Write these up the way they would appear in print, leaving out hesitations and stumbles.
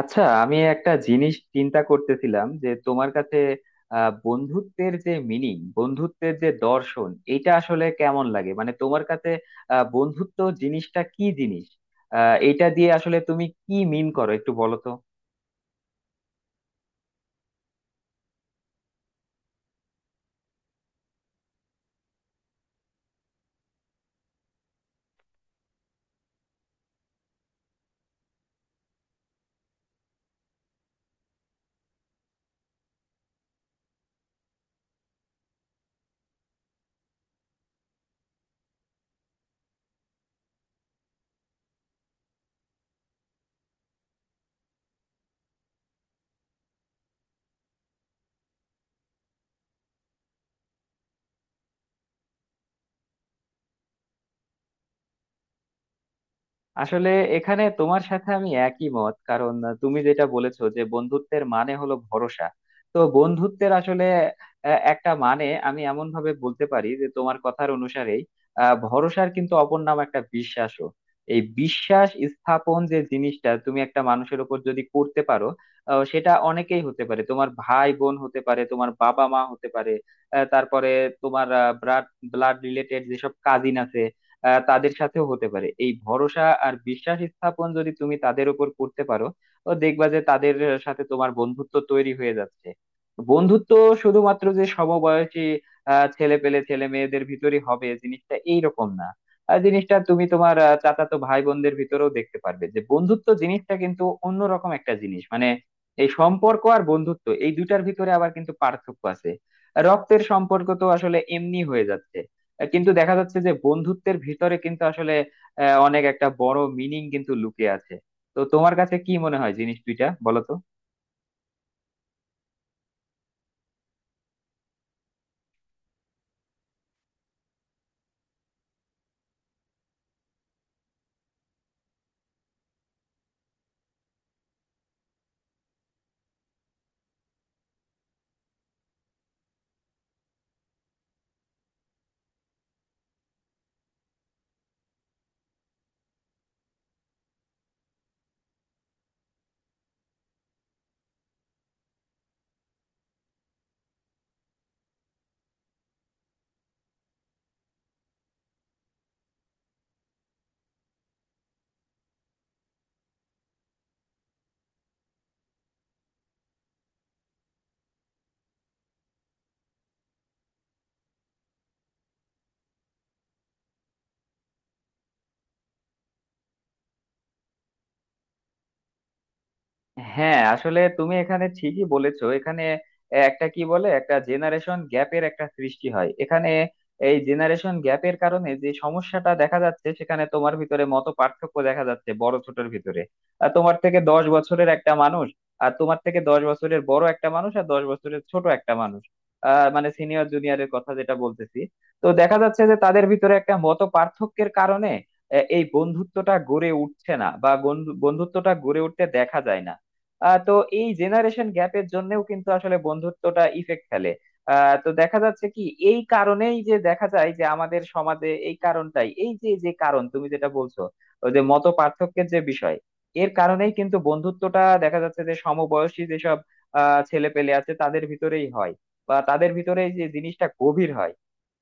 আচ্ছা আমি একটা জিনিস চিন্তা করতেছিলাম যে তোমার কাছে বন্ধুত্বের যে মিনিং বন্ধুত্বের যে দর্শন এটা আসলে কেমন লাগে মানে তোমার কাছে। বন্ধুত্ব জিনিসটা কি জিনিস? এটা দিয়ে আসলে তুমি কি মিন করো একটু বলো তো। আসলে এখানে তোমার সাথে আমি একই মত, কারণ তুমি যেটা বলেছো যে বন্ধুত্বের মানে হলো ভরসা। তো বন্ধুত্বের আসলে একটা মানে আমি এমন ভাবে বলতে পারি যে তোমার কথার অনুসারেই ভরসার কিন্তু অপর নাম একটা বিশ্বাসও। এই বিশ্বাস স্থাপন যে জিনিসটা তুমি একটা মানুষের উপর যদি করতে পারো, সেটা অনেকেই হতে পারে, তোমার ভাই বোন হতে পারে, তোমার বাবা মা হতে পারে। তারপরে তোমার ব্লাড ব্লাড রিলেটেড যেসব কাজিন আছে, তাদের সাথেও হতে পারে এই ভরসা আর বিশ্বাস স্থাপন। যদি তুমি তাদের উপর করতে পারো, তো দেখবা যে তাদের সাথে তোমার বন্ধুত্ব তৈরি হয়ে যাচ্ছে। বন্ধুত্ব শুধুমাত্র যে সমবয়সী ছেলে পেলে ছেলে মেয়েদের ভিতরই হবে জিনিসটা এইরকম না। আর জিনিসটা তুমি তোমার চাচাতো ভাই বোনদের ভিতরেও দেখতে পারবে যে বন্ধুত্ব জিনিসটা কিন্তু অন্যরকম একটা জিনিস। মানে এই সম্পর্ক আর বন্ধুত্ব এই দুইটার ভিতরে আবার কিন্তু পার্থক্য আছে। রক্তের সম্পর্ক তো আসলে এমনি হয়ে যাচ্ছে, কিন্তু দেখা যাচ্ছে যে বন্ধুত্বের ভিতরে কিন্তু আসলে অনেক একটা বড় মিনিং কিন্তু লুকিয়ে আছে। তো তোমার কাছে কি মনে হয় জিনিস দুইটা বলো তো। হ্যাঁ আসলে তুমি এখানে ঠিকই বলেছো, এখানে একটা কি বলে একটা জেনারেশন গ্যাপের একটা সৃষ্টি হয়। এখানে এই জেনারেশন গ্যাপের কারণে যে সমস্যাটা দেখা যাচ্ছে, সেখানে তোমার ভিতরে মত পার্থক্য দেখা যাচ্ছে বড় ছোটর ভিতরে। আর তোমার থেকে 10 বছরের একটা মানুষ, আর তোমার থেকে দশ বছরের বড় একটা মানুষ আর 10 বছরের ছোট একটা মানুষ, মানে সিনিয়র জুনিয়রের কথা যেটা বলতেছি। তো দেখা যাচ্ছে যে তাদের ভিতরে একটা মত পার্থক্যের কারণে এই বন্ধুত্বটা গড়ে উঠছে না, বা বন্ধুত্বটা গড়ে উঠতে দেখা যায় না। তো এই জেনারেশন গ্যাপের জন্যও কিন্তু আসলে বন্ধুত্বটা ইফেক্ট ফেলে। তো দেখা যাচ্ছে কি, এই কারণেই যে দেখা যায় যে আমাদের সমাজে এই কারণটাই, এই যে যে কারণ তুমি যেটা বলছো, ওই যে মত পার্থক্যের যে বিষয়, এর কারণেই কিন্তু বন্ধুত্বটা দেখা যাচ্ছে যে সমবয়সী যেসব ছেলে পেলে আছে তাদের ভিতরেই হয়, বা তাদের ভিতরে এই যে জিনিসটা গভীর হয়।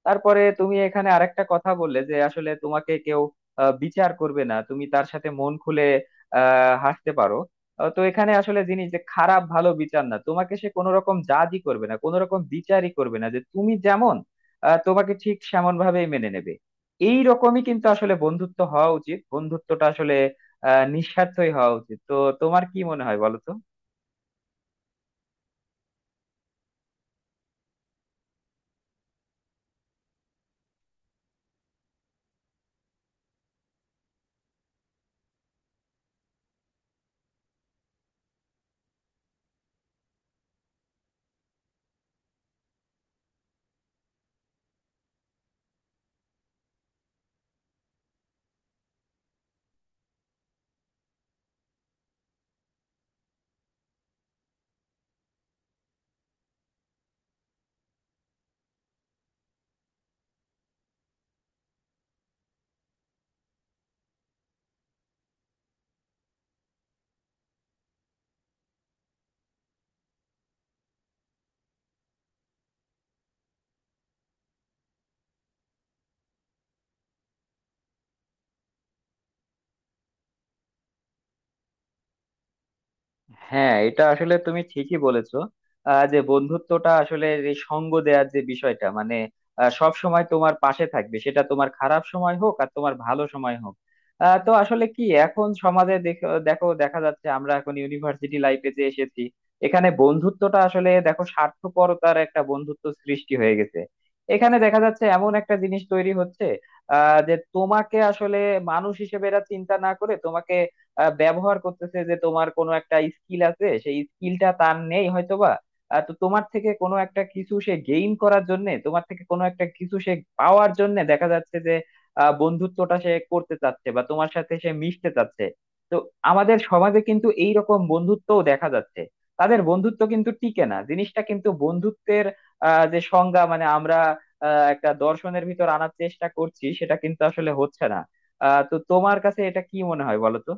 তারপরে তুমি এখানে আরেকটা কথা বললে যে আসলে তোমাকে কেউ বিচার করবে না, তুমি তার সাথে মন খুলে হাসতে পারো। তো এখানে আসলে জিনিস যে খারাপ ভালো বিচার না, তোমাকে সে কোনো রকম জাজই করবে না, কোনো রকম বিচারই করবে না, যে তুমি যেমন তোমাকে ঠিক সেমন ভাবেই মেনে নেবে। এই রকমই কিন্তু আসলে বন্ধুত্ব হওয়া উচিত, বন্ধুত্বটা আসলে নিঃস্বার্থই হওয়া উচিত। তো তোমার কি মনে হয় বলো তো। হ্যাঁ এটা আসলে তুমি ঠিকই বলেছো, যে বন্ধুত্বটা আসলে এই সঙ্গ দেওয়ার যে বিষয়টা, মানে সব সময় তোমার পাশে থাকবে, সেটা তোমার খারাপ সময় হোক আর তোমার ভালো সময় হোক। তো আসলে কি এখন সমাজে দেখো দেখো দেখা যাচ্ছে আমরা এখন ইউনিভার্সিটি লাইফে যে এসেছি, এখানে বন্ধুত্বটা আসলে দেখো স্বার্থপরতার একটা বন্ধুত্ব সৃষ্টি হয়ে গেছে। এখানে দেখা যাচ্ছে এমন একটা জিনিস তৈরি হচ্ছে, যে তোমাকে আসলে মানুষ হিসেবে এরা চিন্তা না করে তোমাকে ব্যবহার করতেছে। যে তোমার কোনো একটা স্কিল আছে, সেই স্কিলটা তার নেই হয়তোবা, তো তোমার থেকে কোনো একটা কিছু সে গেইন করার জন্য, তোমার থেকে কোনো একটা কিছু সে পাওয়ার জন্য দেখা যাচ্ছে যে বন্ধুত্বটা সে করতে চাচ্ছে বা তোমার সাথে সে মিশতে চাচ্ছে। তো আমাদের সমাজে কিন্তু এই রকম বন্ধুত্বও দেখা যাচ্ছে। তাদের বন্ধুত্ব কিন্তু টিকে না, জিনিসটা কিন্তু বন্ধুত্বের যে সংজ্ঞা মানে আমরা একটা দর্শনের ভিতর আনার চেষ্টা করছি সেটা কিন্তু আসলে হচ্ছে না। তো তোমার কাছে এটা কি মনে হয় বলো তো।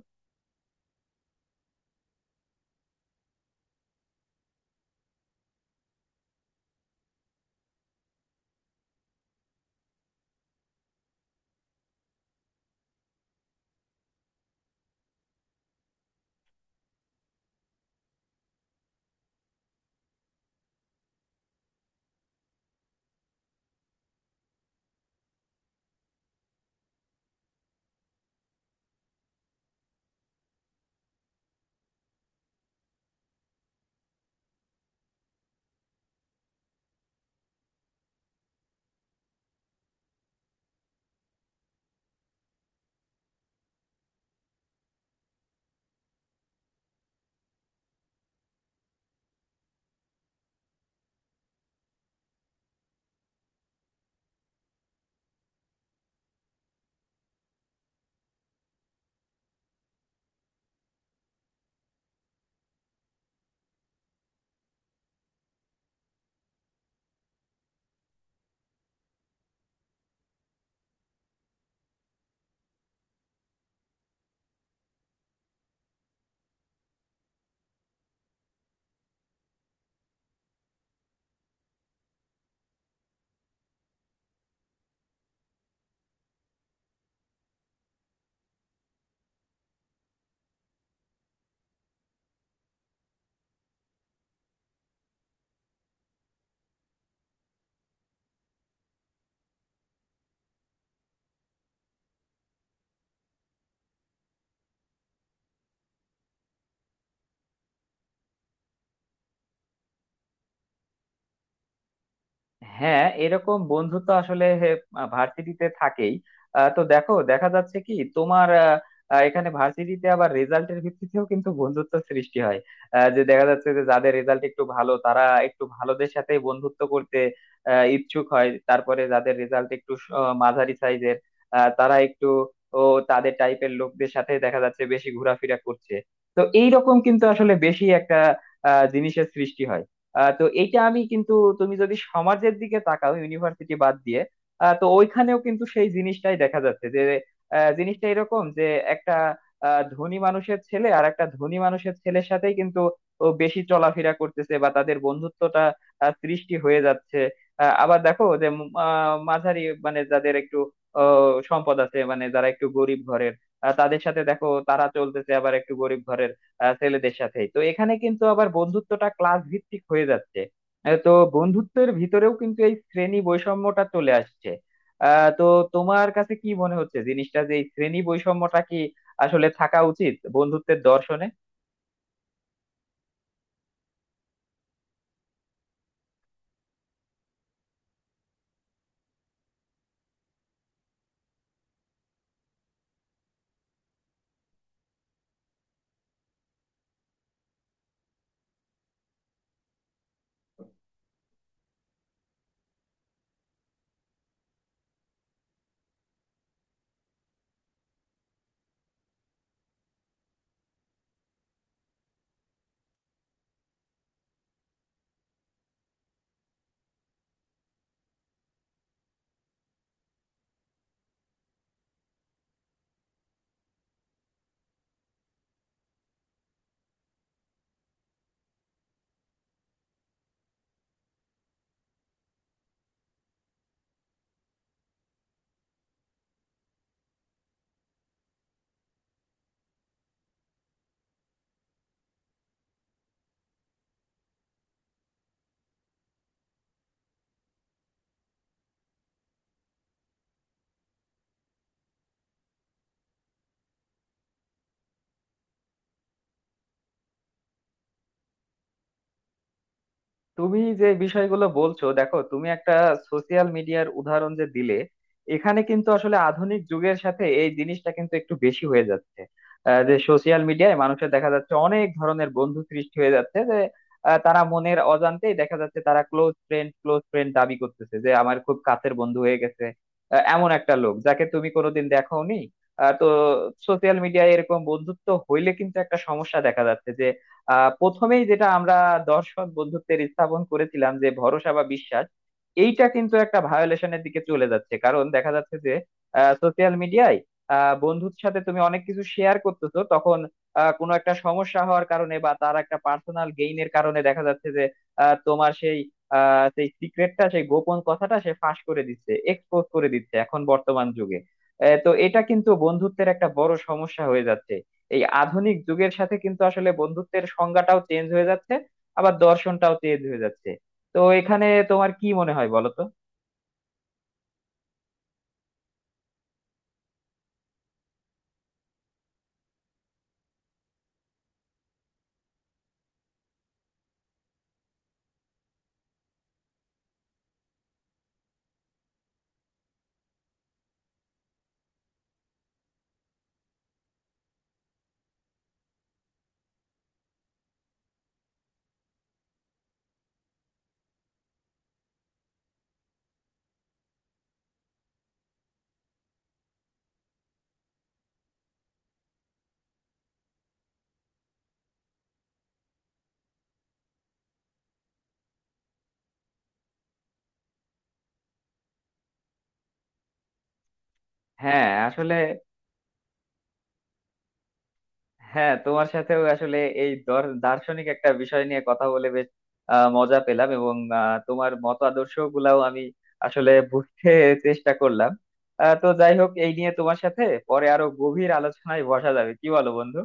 হ্যাঁ এরকম বন্ধু তো আসলে ভার্সিটিতে থাকেই। তো দেখো দেখা যাচ্ছে কি তোমার এখানে ভার্সিটিতে আবার রেজাল্টের ভিত্তিতেও কিন্তু বন্ধুত্ব সৃষ্টি হয়। যে দেখা যাচ্ছে যে যাদের রেজাল্ট একটু ভালো তারা একটু ভালোদের সাথে বন্ধুত্ব করতে ইচ্ছুক হয়। তারপরে যাদের রেজাল্ট একটু মাঝারি সাইজের, তারা একটু ও তাদের টাইপের লোকদের সাথে দেখা যাচ্ছে বেশি ঘোরাফেরা করছে। তো এইরকম কিন্তু আসলে বেশি একটা জিনিসের সৃষ্টি হয়। তো এইটা আমি কিন্তু, তুমি যদি সমাজের দিকে তাকাও ইউনিভার্সিটি বাদ দিয়ে, তো ওইখানেও কিন্তু সেই জিনিসটাই দেখা যাচ্ছে যে জিনিসটা এরকম যে একটা ধনী মানুষের ছেলে আর একটা ধনী মানুষের ছেলের সাথেই কিন্তু ও বেশি চলাফেরা করতেছে, বা তাদের বন্ধুত্বটা সৃষ্টি হয়ে যাচ্ছে। আবার দেখো যে মাঝারি মানে যাদের একটু সম্পদ আছে, মানে যারা একটু গরিব ঘরের, তাদের সাথে দেখো তারা চলতেছে, আবার একটু গরিব ঘরের ছেলেদের সাথে। তো এখানে কিন্তু আবার বন্ধুত্বটা ক্লাস ভিত্তিক হয়ে যাচ্ছে। তো বন্ধুত্বের ভিতরেও কিন্তু এই শ্রেণী বৈষম্যটা চলে আসছে। তো তোমার কাছে কি মনে হচ্ছে জিনিসটা, যে এই শ্রেণী বৈষম্যটা কি আসলে থাকা উচিত বন্ধুত্বের দর্শনে? তুমি যে বিষয়গুলো বলছো দেখো, তুমি একটা সোশিয়াল মিডিয়ার উদাহরণ যে দিলে, এখানে কিন্তু আসলে আধুনিক যুগের সাথে এই জিনিসটা কিন্তু একটু বেশি হয়ে যাচ্ছে। যে সোশিয়াল মিডিয়ায় মানুষের দেখা যাচ্ছে অনেক ধরনের বন্ধু সৃষ্টি হয়ে যাচ্ছে, যে তারা মনের অজান্তেই দেখা যাচ্ছে তারা ক্লোজ ফ্রেন্ড ক্লোজ ফ্রেন্ড দাবি করতেছে যে আমার খুব কাছের বন্ধু হয়ে গেছে, এমন একটা লোক যাকে তুমি কোনোদিন দেখোনি। তো সোশিয়াল মিডিয়ায় এরকম বন্ধুত্ব হইলে কিন্তু একটা সমস্যা দেখা যাচ্ছে। প্রথমেই যেটা আমরা দর্শন বন্ধুত্বের স্থাপন করেছিলাম যে ভরসা বা বিশ্বাস, এইটা কিন্তু একটা ভায়োলেশনের দিকে চলে যাচ্ছে, কারণ দেখা যাচ্ছে যে সোশ্যাল মিডিয়ায় বন্ধুর সাথে তুমি অনেক কিছু শেয়ার করতেছো, তখন কোনো একটা সমস্যা হওয়ার কারণে বা তার একটা পার্সোনাল গেইনের কারণে দেখা যাচ্ছে যে তোমার সেই সেই সিক্রেটটা, সেই গোপন কথাটা সে ফাঁস করে দিচ্ছে, এক্সপোজ করে দিচ্ছে এখন বর্তমান যুগে। তো এটা কিন্তু বন্ধুত্বের একটা বড় সমস্যা হয়ে যাচ্ছে। এই আধুনিক যুগের সাথে কিন্তু আসলে বন্ধুত্বের সংজ্ঞাটাও চেঞ্জ হয়ে যাচ্ছে, আবার দর্শনটাও চেঞ্জ হয়ে যাচ্ছে। তো এখানে তোমার কি মনে হয় বলো তো। হ্যাঁ আসলে হ্যাঁ তোমার সাথেও আসলে এই দার্শনিক একটা বিষয় নিয়ে কথা বলে বেশ মজা পেলাম। এবং তোমার মত আদর্শ গুলাও আমি আসলে বুঝতে চেষ্টা করলাম। তো যাই হোক, এই নিয়ে তোমার সাথে পরে আরো গভীর আলোচনায় বসা যাবে, কি বলো বন্ধু?